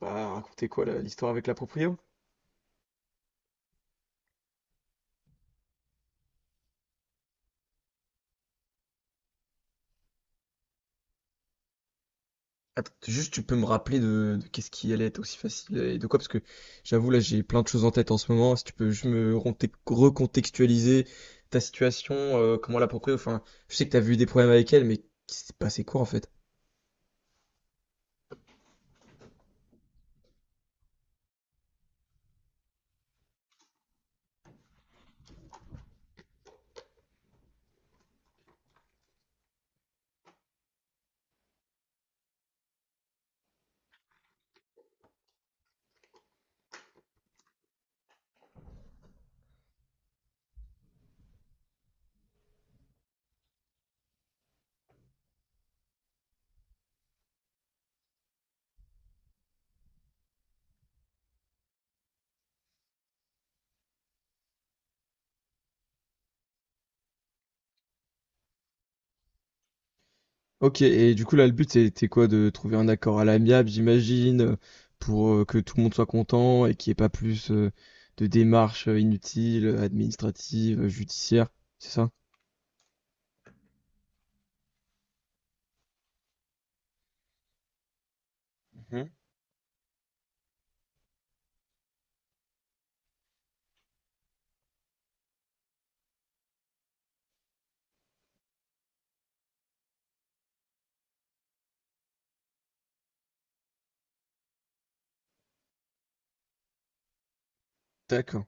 Bah, racontez quoi là, l'histoire avec la proprio? Attends, juste tu peux me rappeler de qu'est-ce qui allait être aussi facile et de quoi, parce que j'avoue là j'ai plein de choses en tête en ce moment, si tu peux juste me recontextualiser ta situation, comment la proprio, enfin je sais que t'as vu des problèmes avec elle, mais qui s'est passé quoi en fait? Ok, et du coup là le but c'était quoi, de trouver un accord à l'amiable, j'imagine, pour que tout le monde soit content et qu'il n'y ait pas plus de démarches inutiles, administratives, judiciaires, c'est ça? Mhm.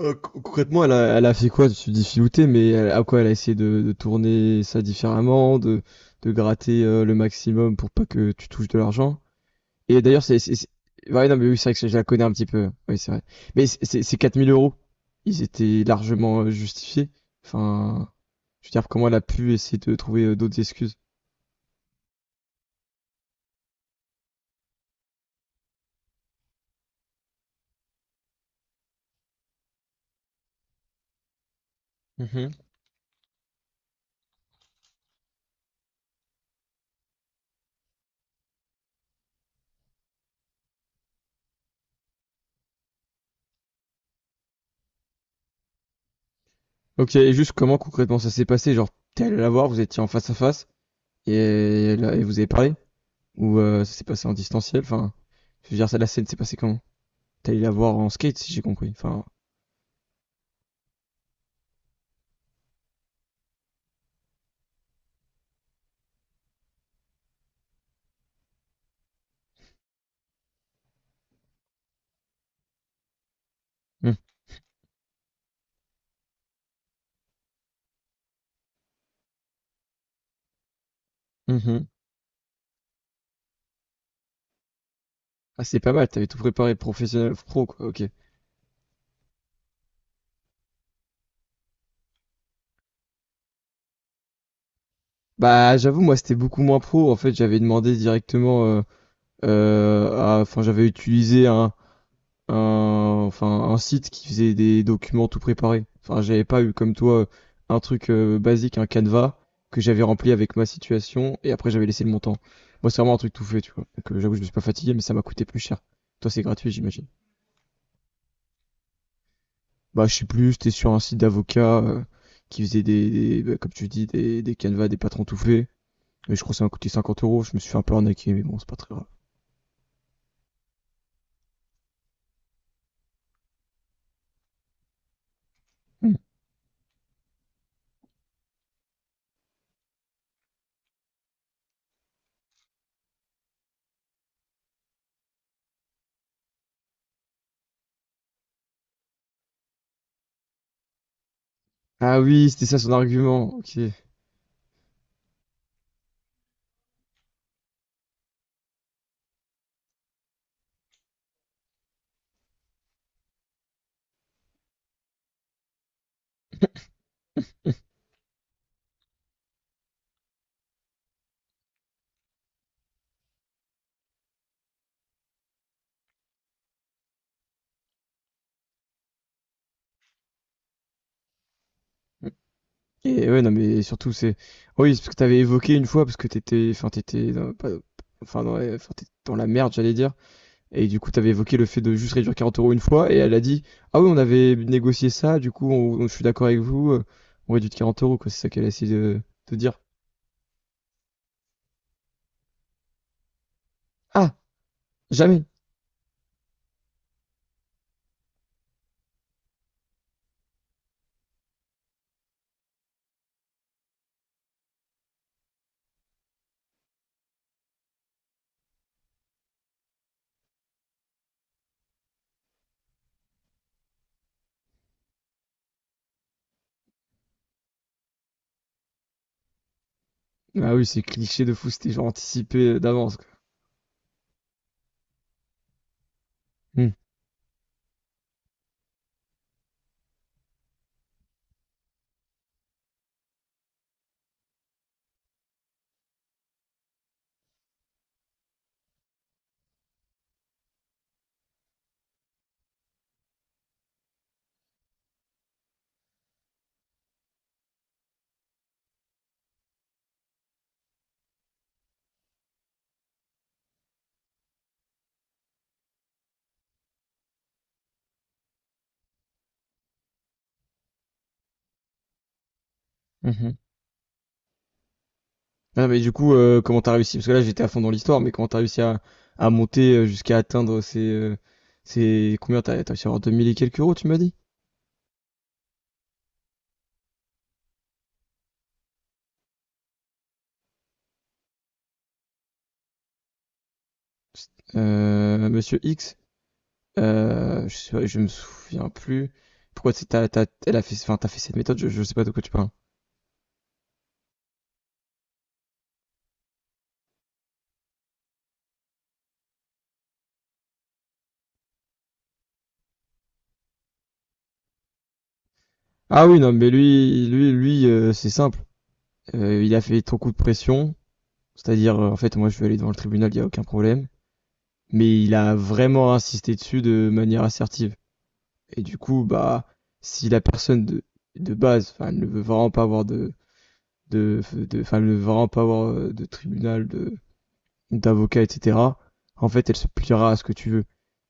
Concrètement, elle a fait quoi? Tu dis filouter, mais à quoi elle a essayé de tourner ça différemment, de gratter le maximum pour pas que tu touches de l'argent. Et d'ailleurs, ouais, non, mais oui, c'est vrai que je la connais un petit peu. Oui, c'est vrai. Mais ces 4000 euros, ils étaient largement justifiés. Enfin, je veux dire, comment elle a pu essayer de trouver d'autres excuses? Mhm. Ok, et juste comment concrètement ça s'est passé? Genre, t'es allé la voir, vous étiez en face à face, et, et vous avez parlé? Ou ça s'est passé en distanciel. Enfin, je veux dire, ça, la scène s'est passée comment? T'es allé la voir en skate, si j'ai compris. Enfin, hum, hum, hum. Ah, c'est pas mal, t'avais tout préparé, professionnel, pro, quoi, ok. Bah, j'avoue, moi, c'était beaucoup moins pro. En fait, j'avais demandé Enfin, j'avais utilisé enfin, un site qui faisait des documents tout préparés. Enfin, j'avais pas eu comme toi un truc basique, un Canva que j'avais rempli avec ma situation et après j'avais laissé le montant. Moi, c'est vraiment un truc tout fait, tu vois. Donc, j'avoue, je me suis pas fatigué, mais ça m'a coûté plus cher. Toi, c'est gratuit, j'imagine. Bah, je sais plus, j'étais sur un site d'avocats qui faisait bah, comme tu dis, des canevas, des patrons tout faits. Mais je crois que ça m'a coûté 50 euros. Je me suis fait un peu arnaquer, mais bon, c'est pas très grave. Hmm. Ah oui, c'était ça son argument. Ok. Et ouais, non, mais surtout, c'est. Oh Oui, c'est parce que t'avais évoqué une fois, parce que t'étais. Enfin, t'étais. Dans- pas- Enfin, dans, la- enfin, t'étais dans la merde, j'allais dire. Et du coup, t'avais évoqué le fait de juste réduire 40 € une fois, et elle a dit: Ah oui, on avait négocié ça, du coup, je suis d'accord avec vous, on réduit de 40 euros, quoi. C'est ça qu'elle a essayé de dire. Ah, jamais! Ah oui, c'est cliché de fou, c'était genre anticipé d'avance, quoi. Hmm. Mhm. Ah, mais du coup, comment t'as réussi? Parce que là, j'étais à fond dans l'histoire, mais comment t'as réussi à monter jusqu'à atteindre combien t'as réussi à avoir 2000 et quelques euros, tu m'as dit? Monsieur X, je sais pas, je me souviens plus. Pourquoi c'est, elle a fait, enfin, t'as fait cette méthode, je sais pas de quoi tu parles. Ah oui, non, mais lui, c'est simple. Il a fait trop coup de pression. C'est-à-dire, en fait, moi, je vais aller devant le tribunal, il y a aucun problème. Mais il a vraiment insisté dessus de manière assertive. Et du coup, bah, si la personne de base, enfin, elle ne veut vraiment pas avoir enfin, elle ne veut vraiment pas avoir de tribunal, de, d'avocat, etc., en fait, elle se pliera à ce que tu veux.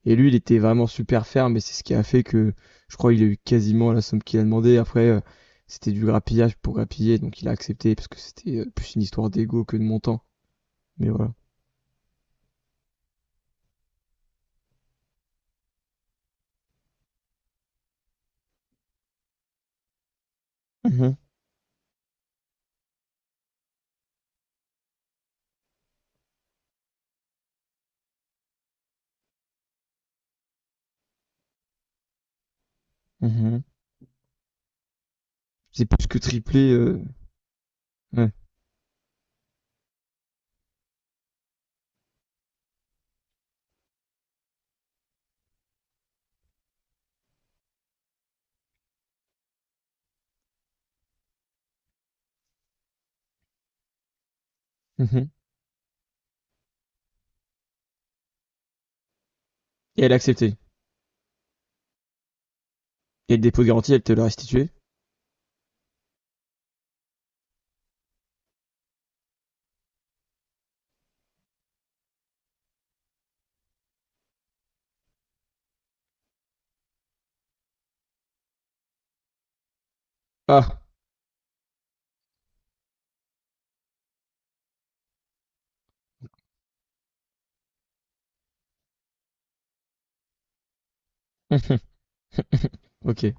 Et lui, il était vraiment super ferme, et c'est ce qui a fait que, je crois, il a eu quasiment la somme qu'il a demandé. Après, c'était du grappillage pour grappiller, donc il a accepté, parce que c'était plus une histoire d'ego que de montant. Mais voilà. Mhm, mhm. C'est plus que triplé, ouais. Mhm. Et elle a accepté. Et le dépôt de garantie, elle te l'a restitué. Ah. OK.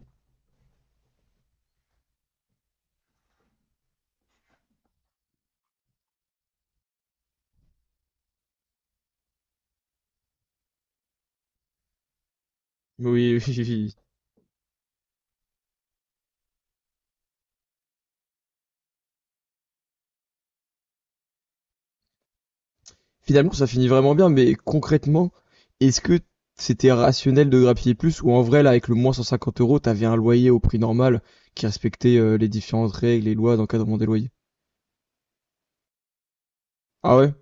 Oui, oui, oui. Finalement, ça finit vraiment bien, mais concrètement, est-ce que c'était rationnel de grappiller plus, ou en vrai, là, avec le moins 150 €, tu avais un loyer au prix normal qui respectait, les différentes règles et lois d'encadrement des loyers? Ah ouais?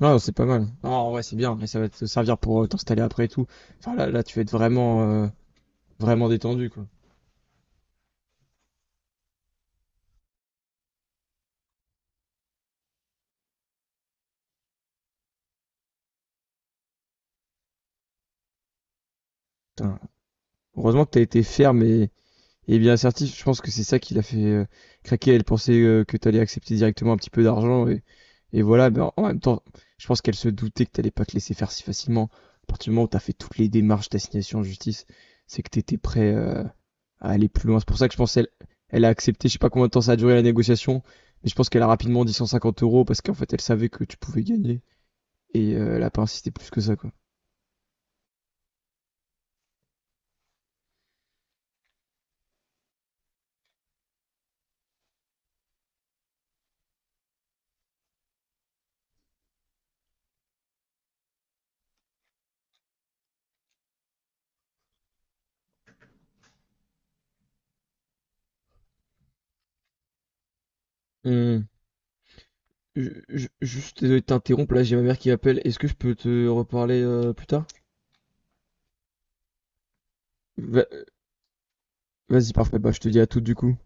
Non, c'est pas mal. Ah, en vrai, c'est bien et ça va te servir pour, t'installer après et tout. Enfin, là, tu vas être vraiment, vraiment détendu, quoi. Putain, heureusement que t'as été ferme et bien assertif, je pense que c'est ça qui l'a fait craquer. Elle pensait que t'allais accepter directement un petit peu d'argent et voilà. Mais en même temps, je pense qu'elle se doutait que t'allais pas te laisser faire si facilement. À partir du moment où t'as fait toutes les démarches d'assignation en justice, c'est que t'étais prêt à aller plus loin. C'est pour ça que je pense qu'elle elle a accepté. Je sais pas combien de temps ça a duré la négociation, mais je pense qu'elle a rapidement dit 150 € parce qu'en fait elle savait que tu pouvais gagner et elle a pas insisté plus que ça quoi. Hum. Juste désolé de t'interrompre, là j'ai ma mère qui m'appelle. Est-ce que je peux te reparler plus tard? Va- Vas-y, parfait, bah je te dis à tout du coup.